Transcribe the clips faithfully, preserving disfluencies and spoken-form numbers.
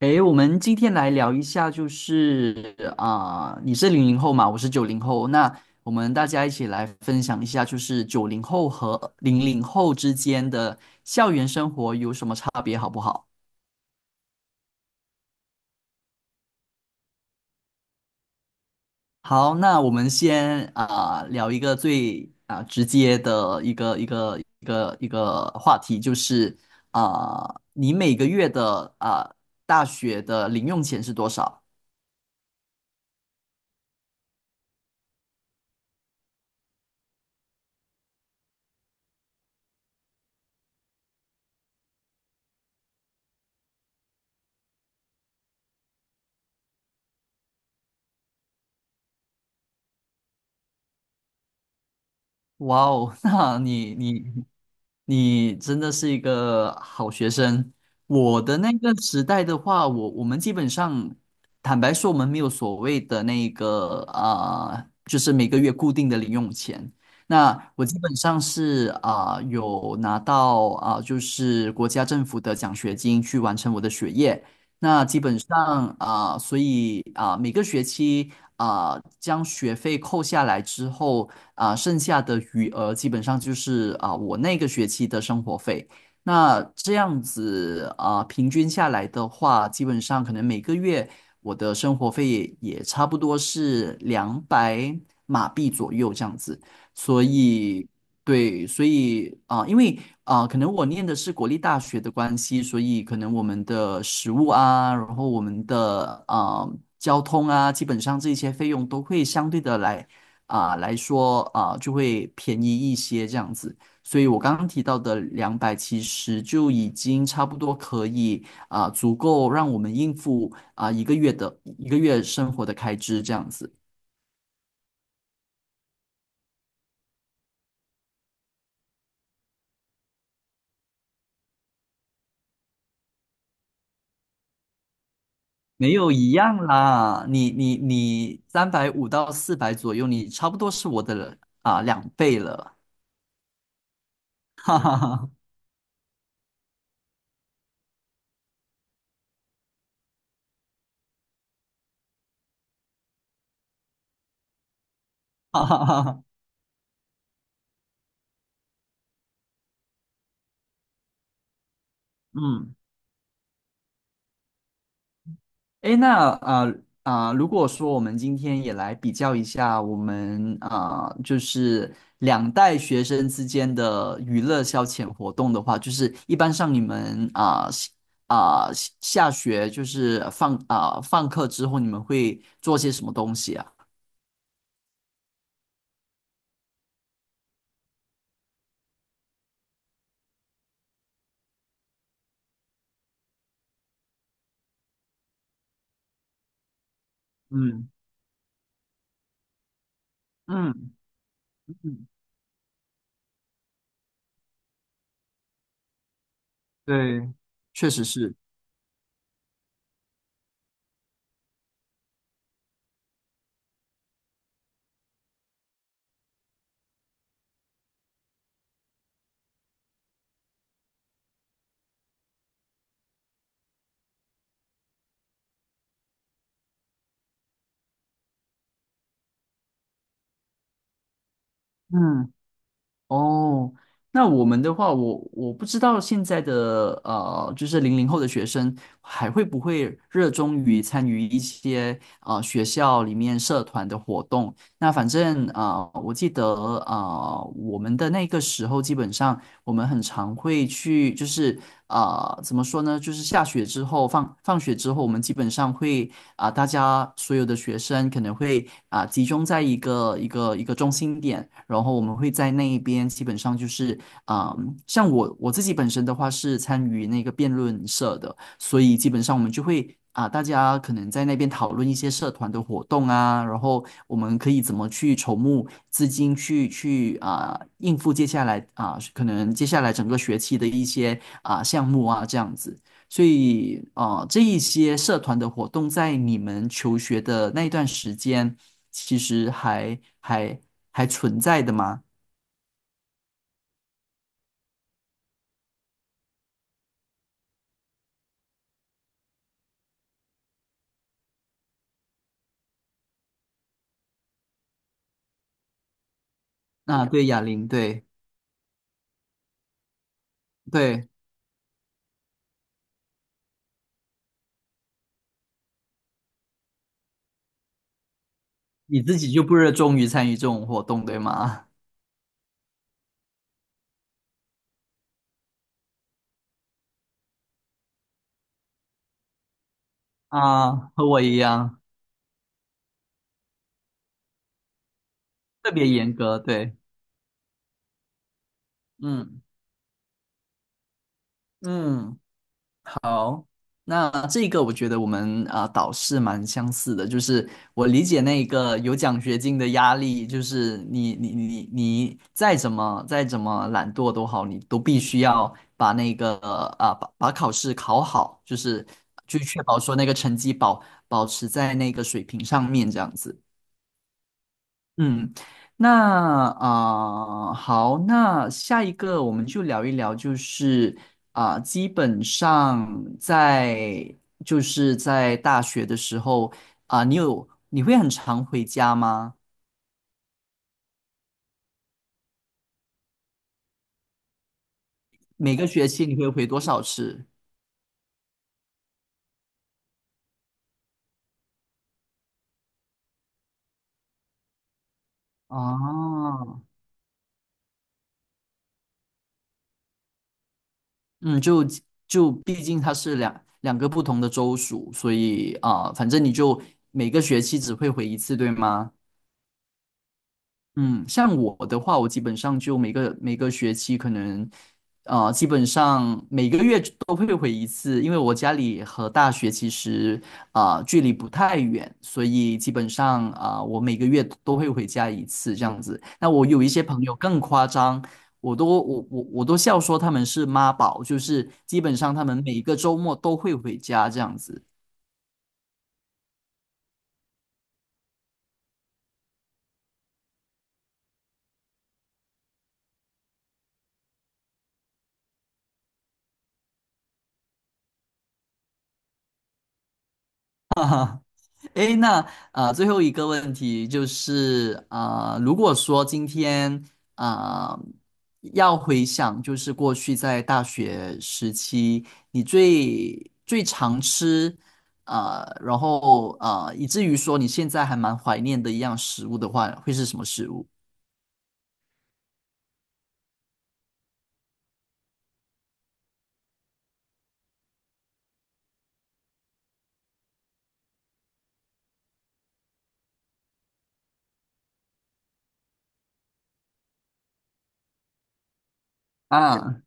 诶，我们今天来聊一下，就是啊、你是零零后嘛，我是九零后，那我们大家一起来分享一下，就是九零后和零零后之间的校园生活有什么差别，好不好？好，那我们先啊、聊一个最啊、直接的一个一个一个一个话题，就是啊、你每个月的啊、大学的零用钱是多少？哇哦，那你你你真的是一个好学生。我的那个时代的话，我我们基本上，坦白说，我们没有所谓的那个啊、呃就是每个月固定的零用钱。那我基本上是啊、有拿到啊、就是国家政府的奖学金去完成我的学业。那基本上啊、所以啊、每个学期啊、将学费扣下来之后啊、剩下的余额基本上就是啊、我那个学期的生活费。那这样子啊、平均下来的话，基本上可能每个月我的生活费也差不多是两百马币左右这样子。所以，对，所以啊、因为啊、可能我念的是国立大学的关系，所以可能我们的食物啊，然后我们的啊、交通啊，基本上这些费用都会相对的来啊、来说啊、就会便宜一些这样子。所以我刚刚提到的两百，其实就已经差不多可以啊、足够让我们应付啊、一个月的一个月生活的开支这样子。没有一样啦，你你你三百五到四百左右，你差不多是我的啊、两倍了，哈哈哈，哈哈哈哈，嗯，诶，那啊啊、如果说我们今天也来比较一下我们啊、就是两代学生之间的娱乐消遣活动的话，就是一般上你们啊啊、下下学就是放啊、放课之后，你们会做些什么东西啊？嗯嗯嗯。对，确实是，嗯，哦，那我们的话，我我不知道现在的呃，就是零零后的学生还会不会热衷于参与一些呃学校里面社团的活动，那反正啊、呃我记得啊、呃我们的那个时候，基本上我们很常会去，就是啊、呃怎么说呢？就是下学之后，放放学之后，我们基本上会啊、呃大家所有的学生可能会啊、呃集中在一个一个一个中心点，然后我们会在那一边，基本上就是啊、呃像我我自己本身的话是参与那个辩论社的。所以基本上我们就会啊，大家可能在那边讨论一些社团的活动啊，然后我们可以怎么去筹募资金去去啊应付接下来啊可能接下来整个学期的一些啊项目啊这样子。所以啊，这一些社团的活动在你们求学的那一段时间，其实还还还存在的吗？那对，哑铃，对对，你自己就不热衷于参与这种活动，对吗？啊，和我一样，特别严格，对，嗯嗯，好，那这个我觉得我们啊、导师蛮相似的，就是我理解那个有奖学金的压力，就是你你你你再怎么再怎么懒惰都好，你都必须要把那个啊、把把考试考好，就是去确保说那个成绩保保持在那个水平上面这样子。嗯，那啊、好，那下一个我们就聊一聊，就是啊、基本上在就是在大学的时候啊、你有你会很常回家吗？每个学期你会回多少次？哦，嗯，就就毕竟它是两两个不同的州属，所以啊、反正你就每个学期只会回一次，对吗？嗯，像我的话，我基本上就每个每个学期可能，呃，基本上每个月都会回一次，因为我家里和大学其实啊、呃距离不太远，所以基本上啊、呃我每个月都会回家一次这样子。那我有一些朋友更夸张，我都我我我都笑说他们是妈宝，就是基本上他们每个周末都会回家这样子。诶，那啊、呃最后一个问题就是啊、呃如果说今天啊、要回想，就是过去在大学时期，你最最常吃啊、呃然后啊、呃以至于说你现在还蛮怀念的一样食物的话，会是什么食物？啊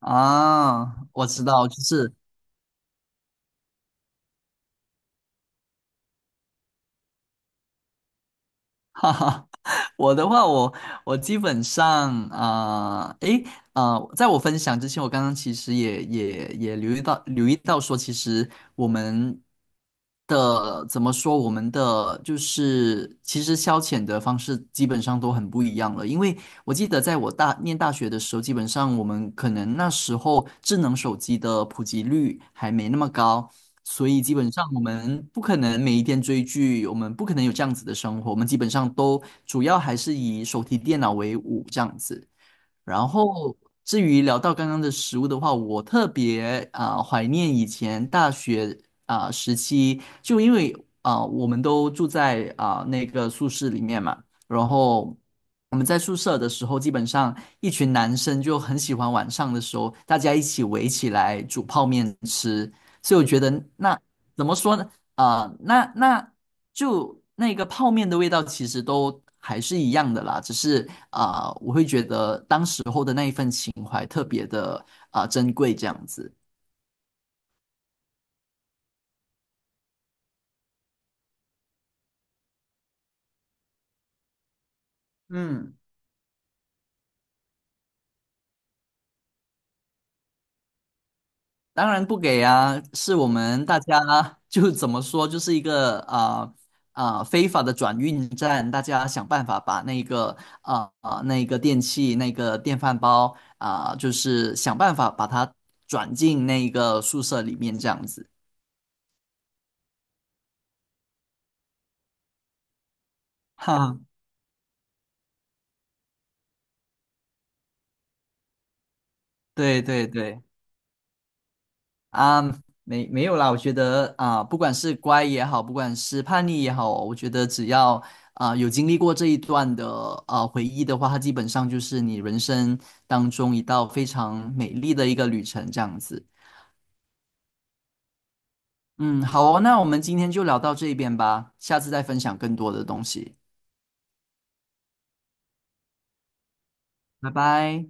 啊，我知道，就是 哈哈，我的话，我我基本上啊，呃诶啊、呃在我分享之前，我刚刚其实也也也留意到留意到说，其实我们的怎么说，我们的就是其实消遣的方式基本上都很不一样了，因为我记得在我大念大学的时候，基本上我们可能那时候智能手机的普及率还没那么高，所以基本上我们不可能每一天追剧，我们不可能有这样子的生活，我们基本上都主要还是以手提电脑为伍这样子。然后，至于聊到刚刚的食物的话，我特别啊、怀念以前大学啊、时期，就因为啊、我们都住在啊、那个宿舍里面嘛，然后我们在宿舍的时候，基本上一群男生就很喜欢晚上的时候大家一起围起来煮泡面吃，所以我觉得那怎么说呢？啊、那那就那个泡面的味道其实都还是一样的啦，只是啊、我会觉得当时候的那一份情怀特别的啊、珍贵这样子。嗯当然不给啊，是我们大家就怎么说，就是一个啊啊、非法的转运站，大家想办法把那个啊啊、那个电器那个电饭煲啊、就是想办法把它转进那个宿舍里面这样子，哈。对对对啊，没没有啦，我觉得啊，不管是乖也好，不管是叛逆也好，我觉得只要啊有经历过这一段的啊回忆的话，它基本上就是你人生当中一道非常美丽的一个旅程，这样子。嗯，好哦，那我们今天就聊到这边吧，下次再分享更多的东西，拜拜。